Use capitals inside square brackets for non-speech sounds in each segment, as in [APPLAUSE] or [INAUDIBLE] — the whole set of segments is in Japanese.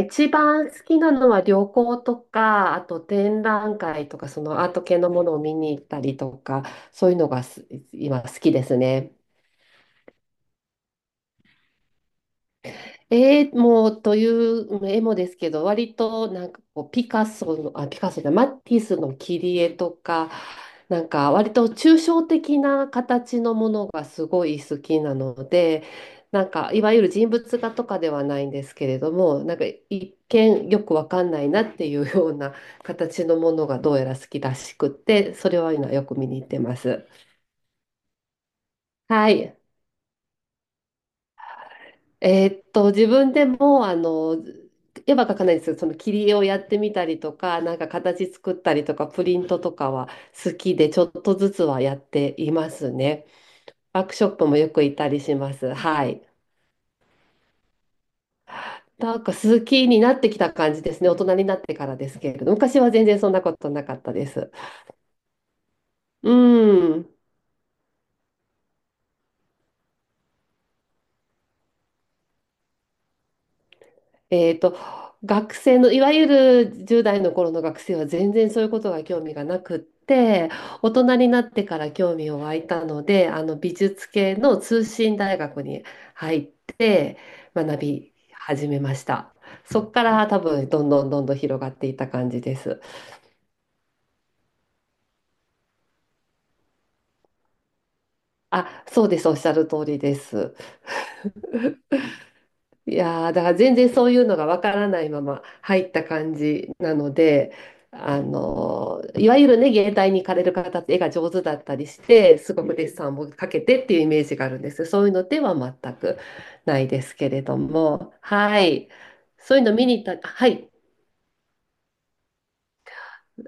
一番好きなのは旅行とか、あと展覧会とか、そのアート系のものを見に行ったりとか、そういうのが今好きですね。絵もという絵もですけど、割となんかこうピカソの、あ、ピカソじゃない、マティスの切り絵とか、なんか割と抽象的な形のものがすごい好きなので、なんかいわゆる人物画とかではないんですけれども、なんか一見よくわかんないなっていうような形のものがどうやら好きらしくって、それは今よく見に行ってます。はい。自分でも、絵は描かないんですよ。その切り絵をやってみたりとか、なんか形作ったりとか、プリントとかは好きで、ちょっとずつはやっていますね。ワークショップもよく行ったりします。はい。なんか好きになってきた感じですね。大人になってからですけれど、昔は全然そんなことなかったです。うん。えーと、学生のいわゆる10代の頃の学生は全然そういうことが興味がなくって大人になってから興味を湧いたのであの美術系の通信大学に入って学び始めました。そこから多分どんどんどんどん広がっていった感じです。あ、そうです。おっしゃる通りです。いやーだから全然そういうのがわからないまま入った感じなので、いわゆるね、芸大に行かれる方って絵が上手だったりして、すごくデッサンをかけてっていうイメージがあるんです。そういうのでは全くないですけれども、はい。そういうの見に行った、はい。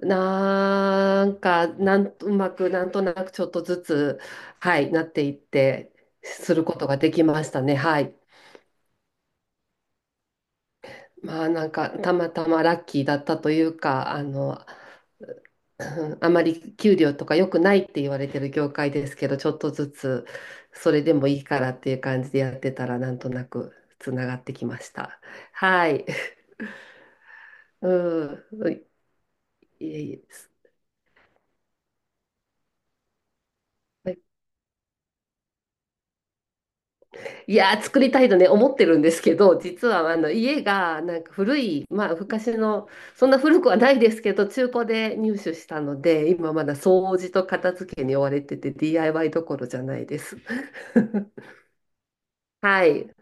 なんか、うまく、なんとなくちょっとずつ、はい、なっていって、することができましたね。はい。まあなんかたまたまラッキーだったというか、うんあまり給料とか良くないって言われてる業界ですけど、ちょっとずつそれでもいいからっていう感じでやってたらなんとなくつながってきました。はい。[LAUGHS] うん。いえいえいやー、作りたいとね、思ってるんですけど、実はあの家がなんか古い、まあ、昔の、そんな古くはないですけど、中古で入手したので、今まだ掃除と片付けに追われてて、DIY どころじゃないです。[LAUGHS] はい。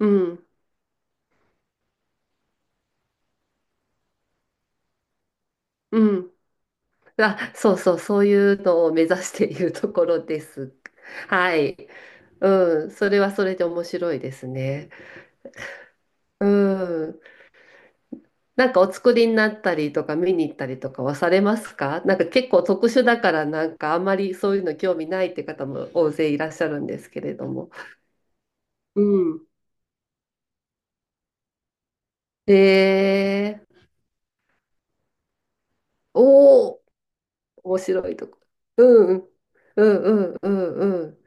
うん。うん。あ、そうそう、そういうのを目指しているところです。はい。うん。それはそれで面白いですね。うん。なんかお作りになったりとか見に行ったりとかはされますか、なんか結構特殊だからなんかあんまりそういうの興味ないって方も大勢いらっしゃるんですけれども。うん。えー、おお、面白いとこ。うん、うん、うん、うん、うん、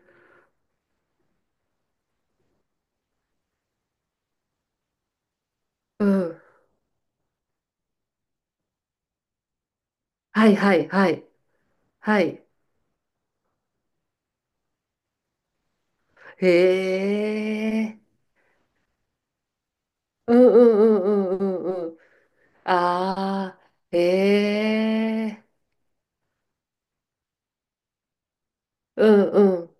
うん。うんはいはい、はい、はい。へえ、うんうんうんうんうんうん。ああ、へえ、うんうん、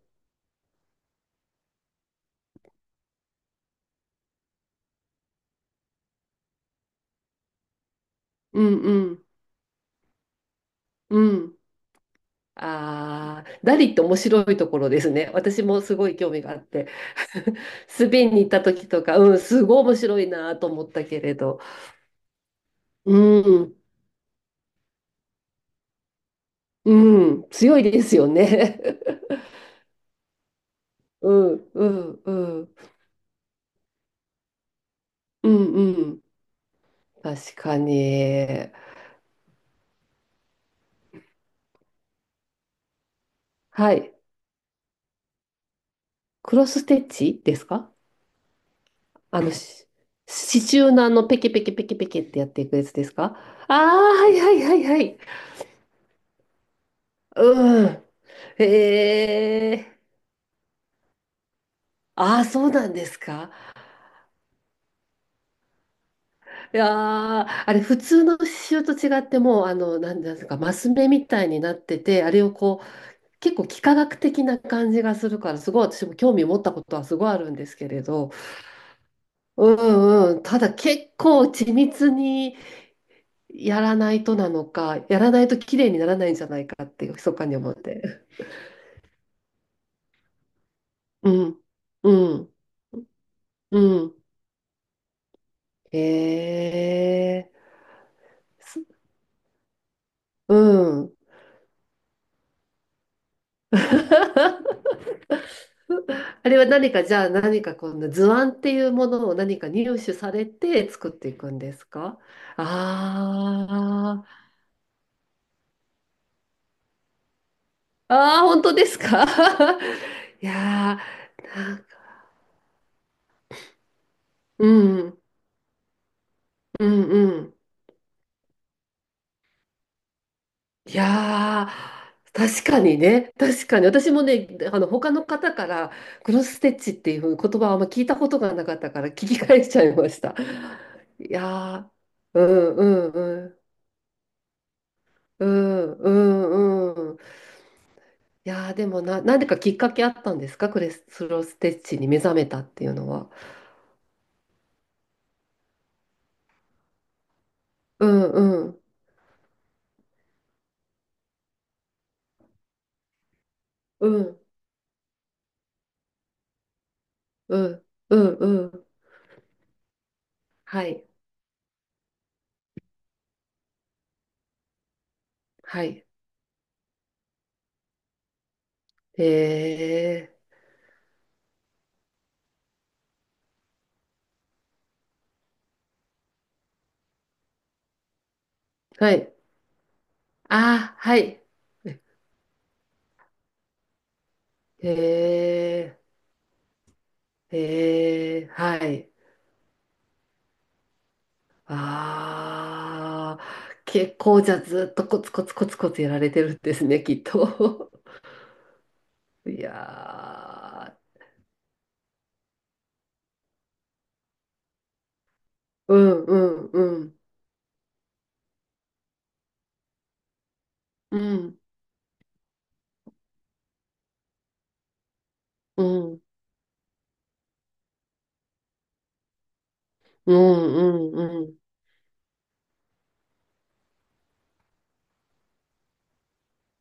うんうん、うん。ああ、ダリって面白いところですね。私もすごい興味があって。[LAUGHS] スペインに行った時とか、うん、すごい面白いなと思ったけれど。うん、うん、強いですよね。[LAUGHS] うん、うん、うん、うん、うん。確かに。はい。クロスステッチですか？あの、刺繍のあの、ペケペケペケペケってやっていくやつですか？ああー、はいはいはいはい。うん。へえ。ああ、そうなんですか。いやー、あれ、普通の刺繍と違って、もう、あの、なんなんですか、マス目みたいになってて、あれをこう、結構幾何学的な感じがするから、すごい私も興味持ったことはすごいあるんですけれど、うんうん、ただ結構緻密にやらないとなのか、やらないと綺麗にならないんじゃないかって、密かに思って。[LAUGHS] うん、うん、うん。へえー、すうん。[LAUGHS] [LAUGHS] あれは何か、じゃあ何かこんな図案っていうものを何か入手されて作っていくんですか？あー、あー、本当ですか？ [LAUGHS] いやー、なんかうん、うん、うん。いやー、確かにね、確かに。私もね、あの、他の方から、クロスステッチっていう言葉はあんま聞いたことがなかったから聞き返しちゃいました。いやー、うん、うん、うん、うん、うん、うん。いやーでもな、なんでかきっかけあったんですか、クレスロステッチに目覚めたっていうのは。うんうんうんうんうんうんはいはいえー、はいあーはいえー、えー、はいあー結構じゃあずっとコツコツコツコツやられてるんですねきっと。 [LAUGHS] いやーうんうんうんうんうんうんうんうん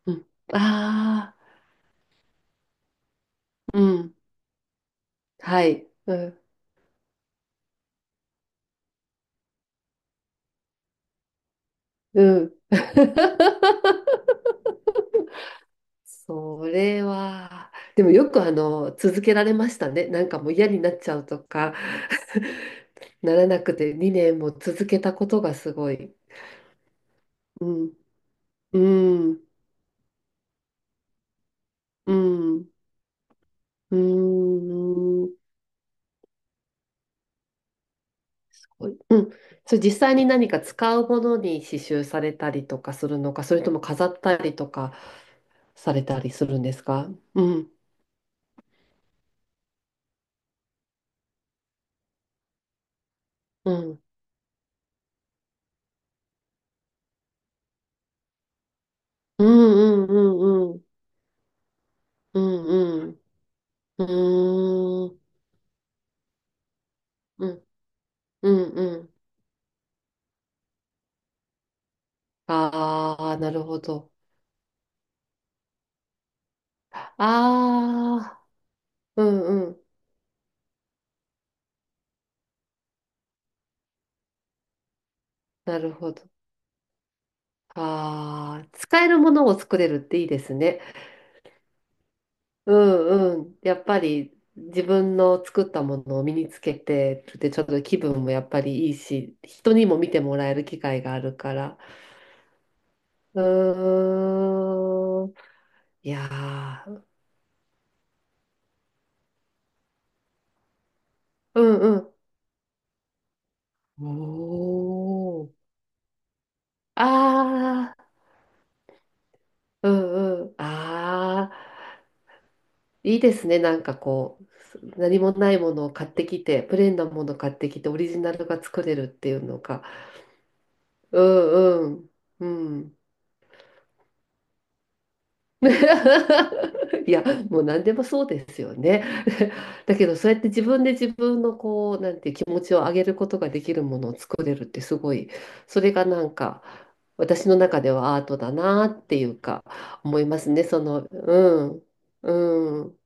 うん。ああ、うん。はい。うん。うん。[LAUGHS] それは、でもよくあの、続けられましたね。なんかもう嫌になっちゃうとか、ならなくて2年も続けたことがすごい。うん。うん。うん。うん。うん。それ実際に何か使うものに刺繍されたりとかするのか、それとも飾ったりとかされたりするんですか？うん。うん。うんうんうんうん。うんうん。うーん。うん。うんうん。ああ、なるほど。ああ、うんうん。なるほど。ああ、使えるものを作れるっていいですね。うんうん。やっぱり自分の作ったものを身につけてるってちょっと気分もやっぱりいいし、人にも見てもらえる機会があるから。うーん。いやー、うんうん。おー。ああ。うんうん。ああ、いいですね。なんかこう、何もないものを買ってきて、プレーンなものを買ってきて、オリジナルが作れるっていうのが。うんうん。うん。[LAUGHS] いや、もう何でもそうですよね。[LAUGHS] だけど、そうやって自分で自分のこう、なんていう気持ちを上げることができるものを作れるってすごい、それがなんか、私の中ではアートだなっていうか、思いますね。その、うん、うん。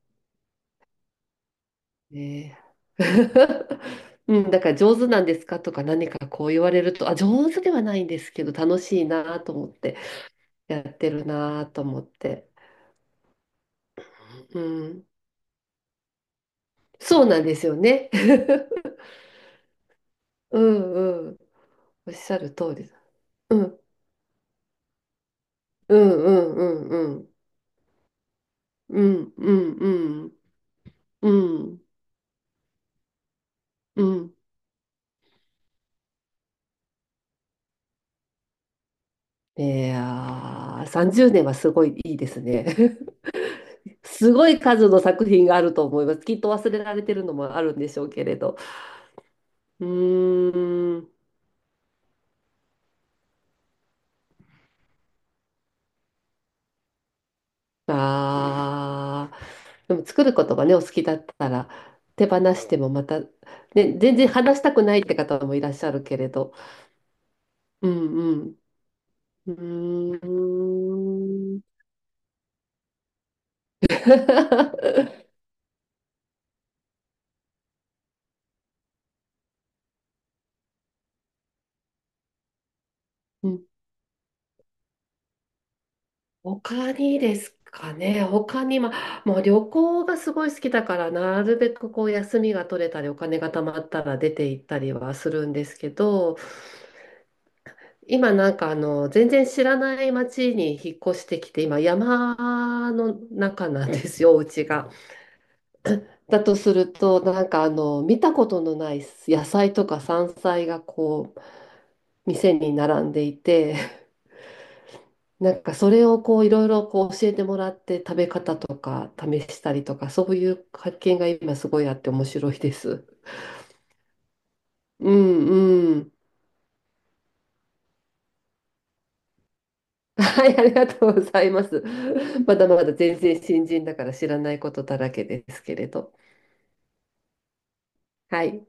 ねえ。 [LAUGHS] うん、だから上手なんですかとか何かこう言われると、あ、上手ではないんですけど楽しいなと思って、やってるなと思って。うん、そうなんですよね。[LAUGHS] うんうん。おっしゃる通りだ。うん、うんうんうんうん。うんうんうんうん。うん。いやー、30年はすごいいいですね。[LAUGHS] すごい数の作品があると思います。きっと忘れられてるのもあるんでしょうけれど。うーん。ああ。でも作ることがね、お好きだったら、手放してもまた、ね、全然話したくないって方もいらっしゃるけれど。うんうん。うーん。[LAUGHS] うん。他にですかね。他に、まあ、もう旅行がすごい好きだから、なるべくこう休みが取れたり、お金が貯まったら出て行ったりはするんですけど、今なんかあの、全然知らない町に引っ越してきて、今山の中なんですよ、お家が。だとすると、なんかあの、見たことのない野菜とか山菜がこう、店に並んでいて、なんかそれをこう、いろいろこう教えてもらって食べ方とか試したりとか、そういう発見が今すごいあって面白いです。うんうん。はい、ありがとうございます。まだまだ全然新人だから知らないことだらけですけれど。はい。